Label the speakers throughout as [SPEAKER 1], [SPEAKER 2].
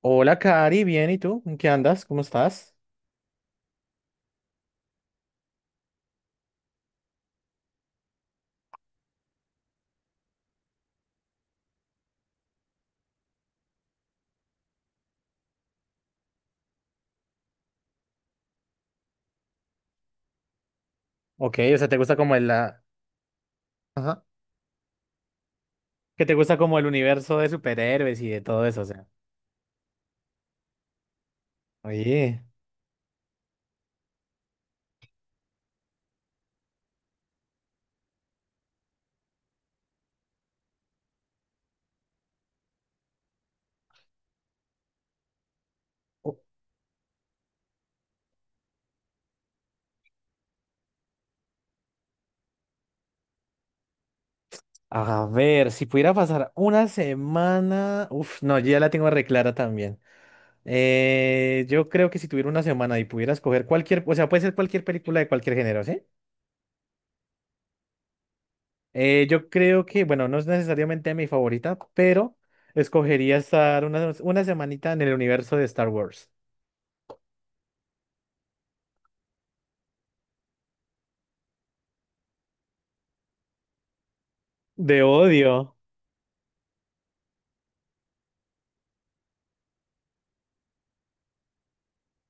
[SPEAKER 1] Hola, Cari, bien, ¿y tú? ¿En qué andas? ¿Cómo estás? Ok, o sea, te gusta como el, la. Ajá. Que te gusta como el universo de superhéroes y de todo eso, o sea. Oye, a ver, si pudiera pasar una semana, uf, no, yo ya la tengo reclara también. Yo creo que si tuviera una semana y pudiera escoger cualquier, o sea, puede ser cualquier película de cualquier género, ¿sí? Yo creo que, bueno, no es necesariamente mi favorita, pero escogería estar una semanita en el universo de Star Wars. De odio.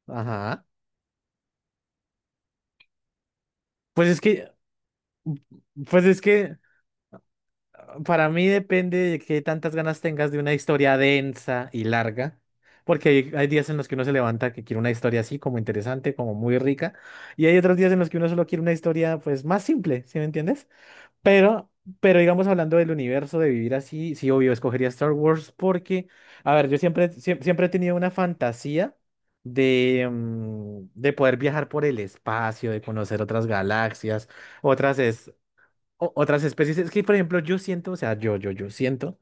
[SPEAKER 1] Ajá. Pues es que, pues es que para mí depende de qué tantas ganas tengas de una historia densa y larga, porque hay días en los que uno se levanta que quiere una historia así, como interesante, como muy rica, y hay otros días en los que uno solo quiere una historia, pues, más simple, ¿sí me entiendes? Pero, pero digamos, hablando del universo, de vivir así, sí, obvio, escogería Star Wars porque, a ver, yo siempre, siempre he tenido una fantasía de, de poder viajar por el espacio, de conocer otras galaxias otras es- otras especies. Es que, por ejemplo, yo siento, o sea, yo siento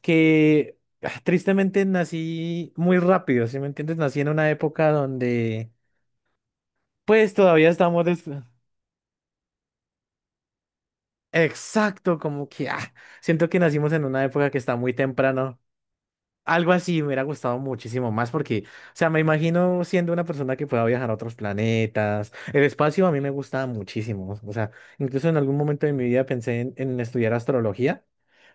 [SPEAKER 1] que tristemente nací muy rápido, ¿sí me entiendes? Nací en una época donde, pues, todavía estamos. Exacto, como que siento que nacimos en una época que está muy temprano. Algo así me hubiera gustado muchísimo más porque, o sea, me imagino siendo una persona que pueda viajar a otros planetas. El espacio a mí me gusta muchísimo. O sea, incluso en algún momento de mi vida pensé en estudiar astrología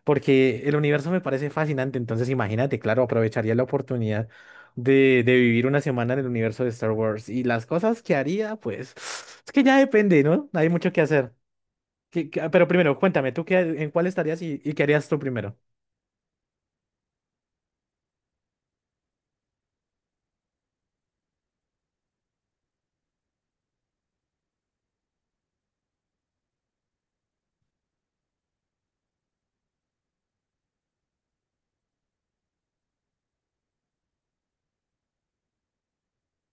[SPEAKER 1] porque el universo me parece fascinante. Entonces, imagínate, claro, aprovecharía la oportunidad de vivir una semana en el universo de Star Wars y las cosas que haría, pues, es que ya depende, ¿no? Hay mucho que hacer. Pero primero, cuéntame, ¿tú qué, en cuál estarías y qué harías tú primero?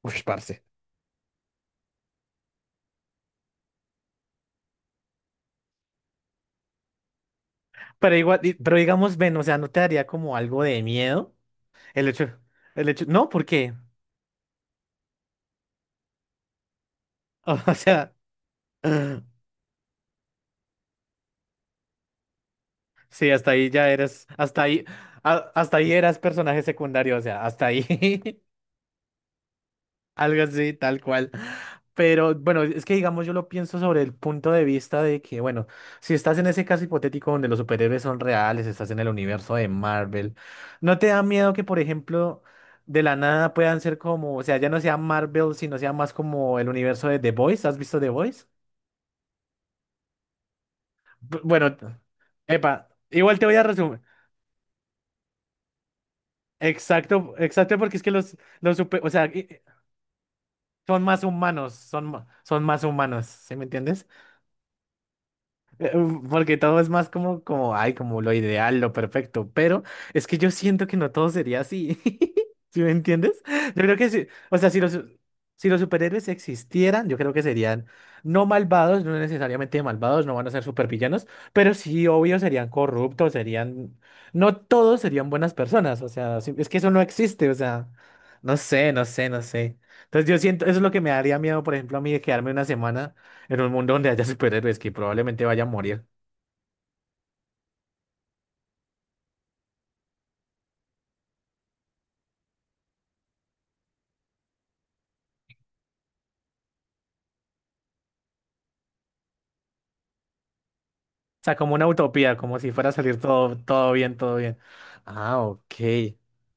[SPEAKER 1] Uy, parce. Pero igual, pero digamos, ven, o sea, ¿no te daría como algo de miedo? El hecho, el hecho, no, ¿por qué? O sea, sí, hasta ahí ya eres, hasta ahí, hasta ahí eras personaje secundario, o sea, hasta ahí. Algo así, tal cual. Pero bueno, es que digamos, yo lo pienso sobre el punto de vista de que, bueno, si estás en ese caso hipotético donde los superhéroes son reales, estás en el universo de Marvel, ¿no te da miedo que, por ejemplo, de la nada puedan ser como, o sea, ya no sea Marvel, sino sea más como el universo de The Voice? ¿Has visto The Voice? Bueno, epa, igual te voy a resumir. Exacto, exacto, porque es que los super, o sea, i- son más humanos, son más humanos, ¿sí me entiendes? Porque todo es más ay, como lo ideal, lo perfecto, pero es que yo siento que no todo sería así, ¿sí me entiendes? Yo creo que sí, o sea, si los superhéroes existieran, yo creo que serían no malvados, no necesariamente malvados, no van a ser supervillanos, pero sí, obvio, serían corruptos, serían, no todos serían buenas personas, o sea, es que eso no existe, o sea, no sé, no sé, no sé. Entonces yo siento, eso es lo que me daría miedo, por ejemplo, a mí de quedarme una semana en un mundo donde haya superhéroes que probablemente vaya a morir. O sea, como una utopía, como si fuera a salir todo, todo bien, todo bien. Ah, ok.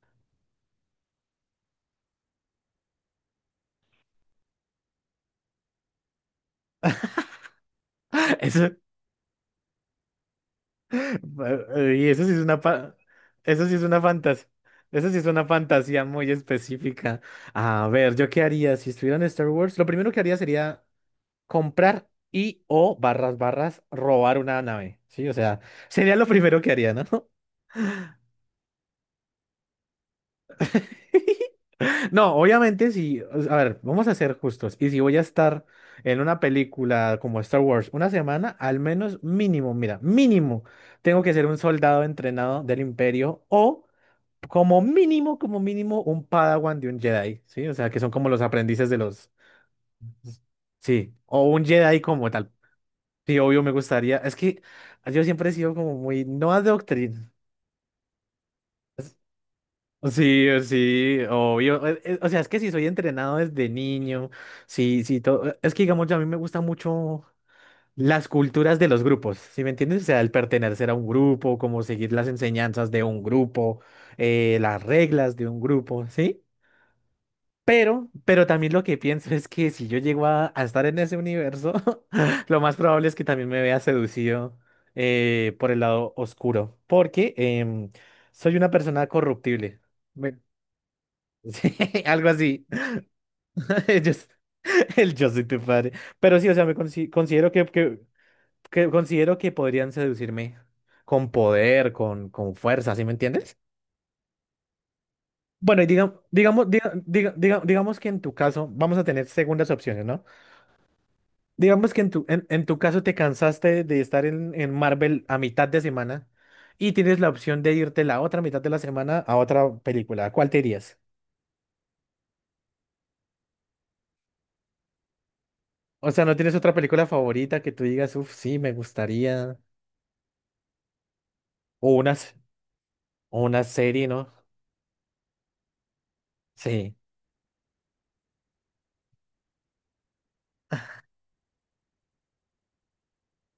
[SPEAKER 1] Eso, eh, y eso sí es una, fa- Eso sí es una fantasía. Eso sí es una fantasía muy específica. A ver, ¿yo qué haría si estuviera en Star Wars? Lo primero que haría sería comprar y o barras robar una nave. Sí, o sea, sería lo primero que haría, ¿no? No, obviamente si, a ver, vamos a ser justos. Y si voy a estar en una película como Star Wars una semana, al menos mínimo, mira, mínimo, tengo que ser un soldado entrenado del Imperio o como mínimo, un Padawan de un Jedi, ¿sí? O sea, que son como los aprendices de los. Sí, o un Jedi como tal. Sí, obvio me gustaría. Es que yo siempre he sido como muy, no adoctrinado, sí, sí, obvio. O sea, es que si soy entrenado desde niño, sí, sí, todo. Es que digamos, ya a mí me gustan mucho las culturas de los grupos, ¿sí me entiendes? O sea, el pertenecer a un grupo, como seguir las enseñanzas de un grupo, las reglas de un grupo, ¿sí? Pero también lo que pienso es que si yo llego a estar en ese universo, lo más probable es que también me vea seducido por el lado oscuro, porque soy una persona corruptible. Sí, algo así. Yo s- el yo soy tu padre. Pero sí, o sea, me considero que podrían seducirme con poder, con fuerza, ¿sí me entiendes? Bueno, y digamos que en tu caso, vamos a tener segundas opciones, ¿no? Digamos que en tu caso te cansaste de estar en Marvel a mitad de semana y tienes la opción de irte la otra mitad de la semana a otra película. ¿A cuál te irías? O sea, ¿no tienes otra película favorita que tú digas, uff, sí, me gustaría? O unas. O una serie, ¿no? Sí.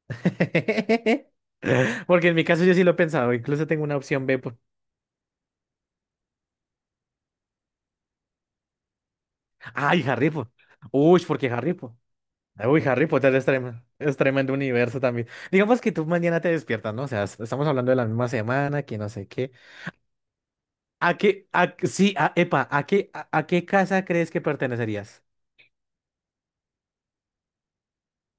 [SPEAKER 1] Porque en mi caso yo sí lo he pensado. Incluso tengo una opción B. Por. ¡Ay, Harry Potter! Uy, porque Harry Potter. Uy, Harry Potter es tremendo universo también. Digamos que tú mañana te despiertas, ¿no? O sea, estamos hablando de la misma semana, que no sé qué. ¿A qué, sí, a, epa, a qué casa crees que pertenecerías?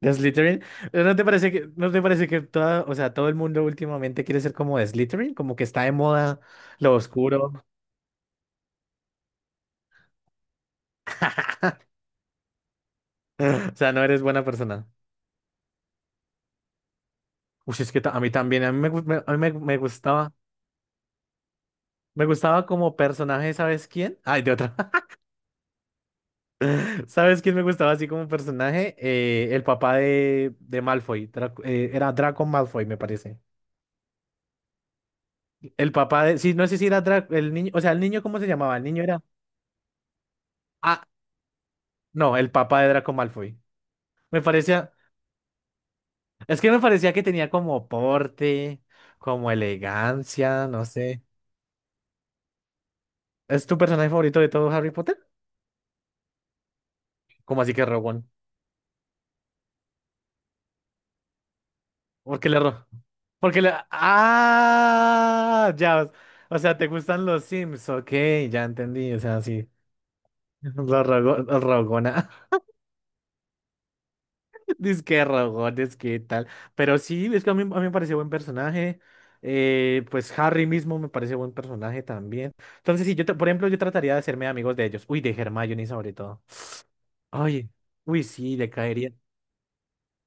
[SPEAKER 1] ¿De Slytherin? ¿No te parece que o sea, todo el mundo últimamente quiere ser como de Slytherin? Como que está de moda lo oscuro. O sea, no eres buena persona. Uy, es que a mí también, a mí me, gu- me- a mí me, me gustaba como personaje, ¿sabes quién? Ay, de otra, ¿sabes quién me gustaba así como personaje? El papá de, Malfoy, era Draco Malfoy, me parece. El papá de, sí, no sé si era Draco, el niño, o sea, el niño, ¿cómo se llamaba? El niño era, ah, no, el papá de Draco Malfoy. Me parecía, es que me parecía que tenía como porte, como elegancia, no sé. ¿Es tu personaje favorito de todo Harry Potter? ¿Cómo así que Rowan? ¿Por qué le erró? Porque la. Ah, ya. O sea, ¿te gustan los Sims? Ok, ya entendí. O sea, sí. La la rogona. Dice que rogones, ¿qué tal? Pero sí, es que a mí me pareció buen personaje. Pues Harry mismo me parece buen personaje también. Entonces, sí, por ejemplo, yo trataría de hacerme amigos de ellos. Uy, de Hermione sobre todo. Ay, uy, sí, le caería.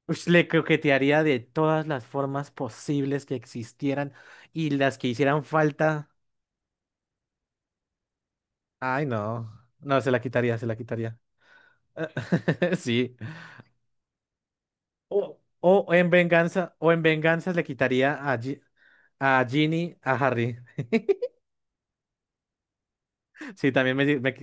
[SPEAKER 1] Uy, le coquetearía de todas las formas posibles que existieran y las que hicieran falta. Ay, no. No, se la quitaría, se la quitaría. Sí. O en venganza le quitaría a Ginny, a Harry. Sí, también me, me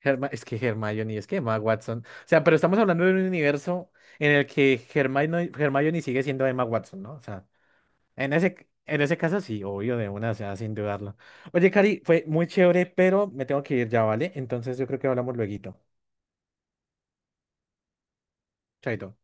[SPEAKER 1] Herma- es que Hermione, es que Emma Watson. O sea, pero estamos hablando de un universo en el que Hermione sigue siendo Emma Watson, ¿no? O sea, en ese caso sí, obvio, de una, o sea, sin dudarlo. Oye, Cari, fue muy chévere, pero me tengo que ir ya, ¿vale? Entonces yo creo que hablamos lueguito. Chaito.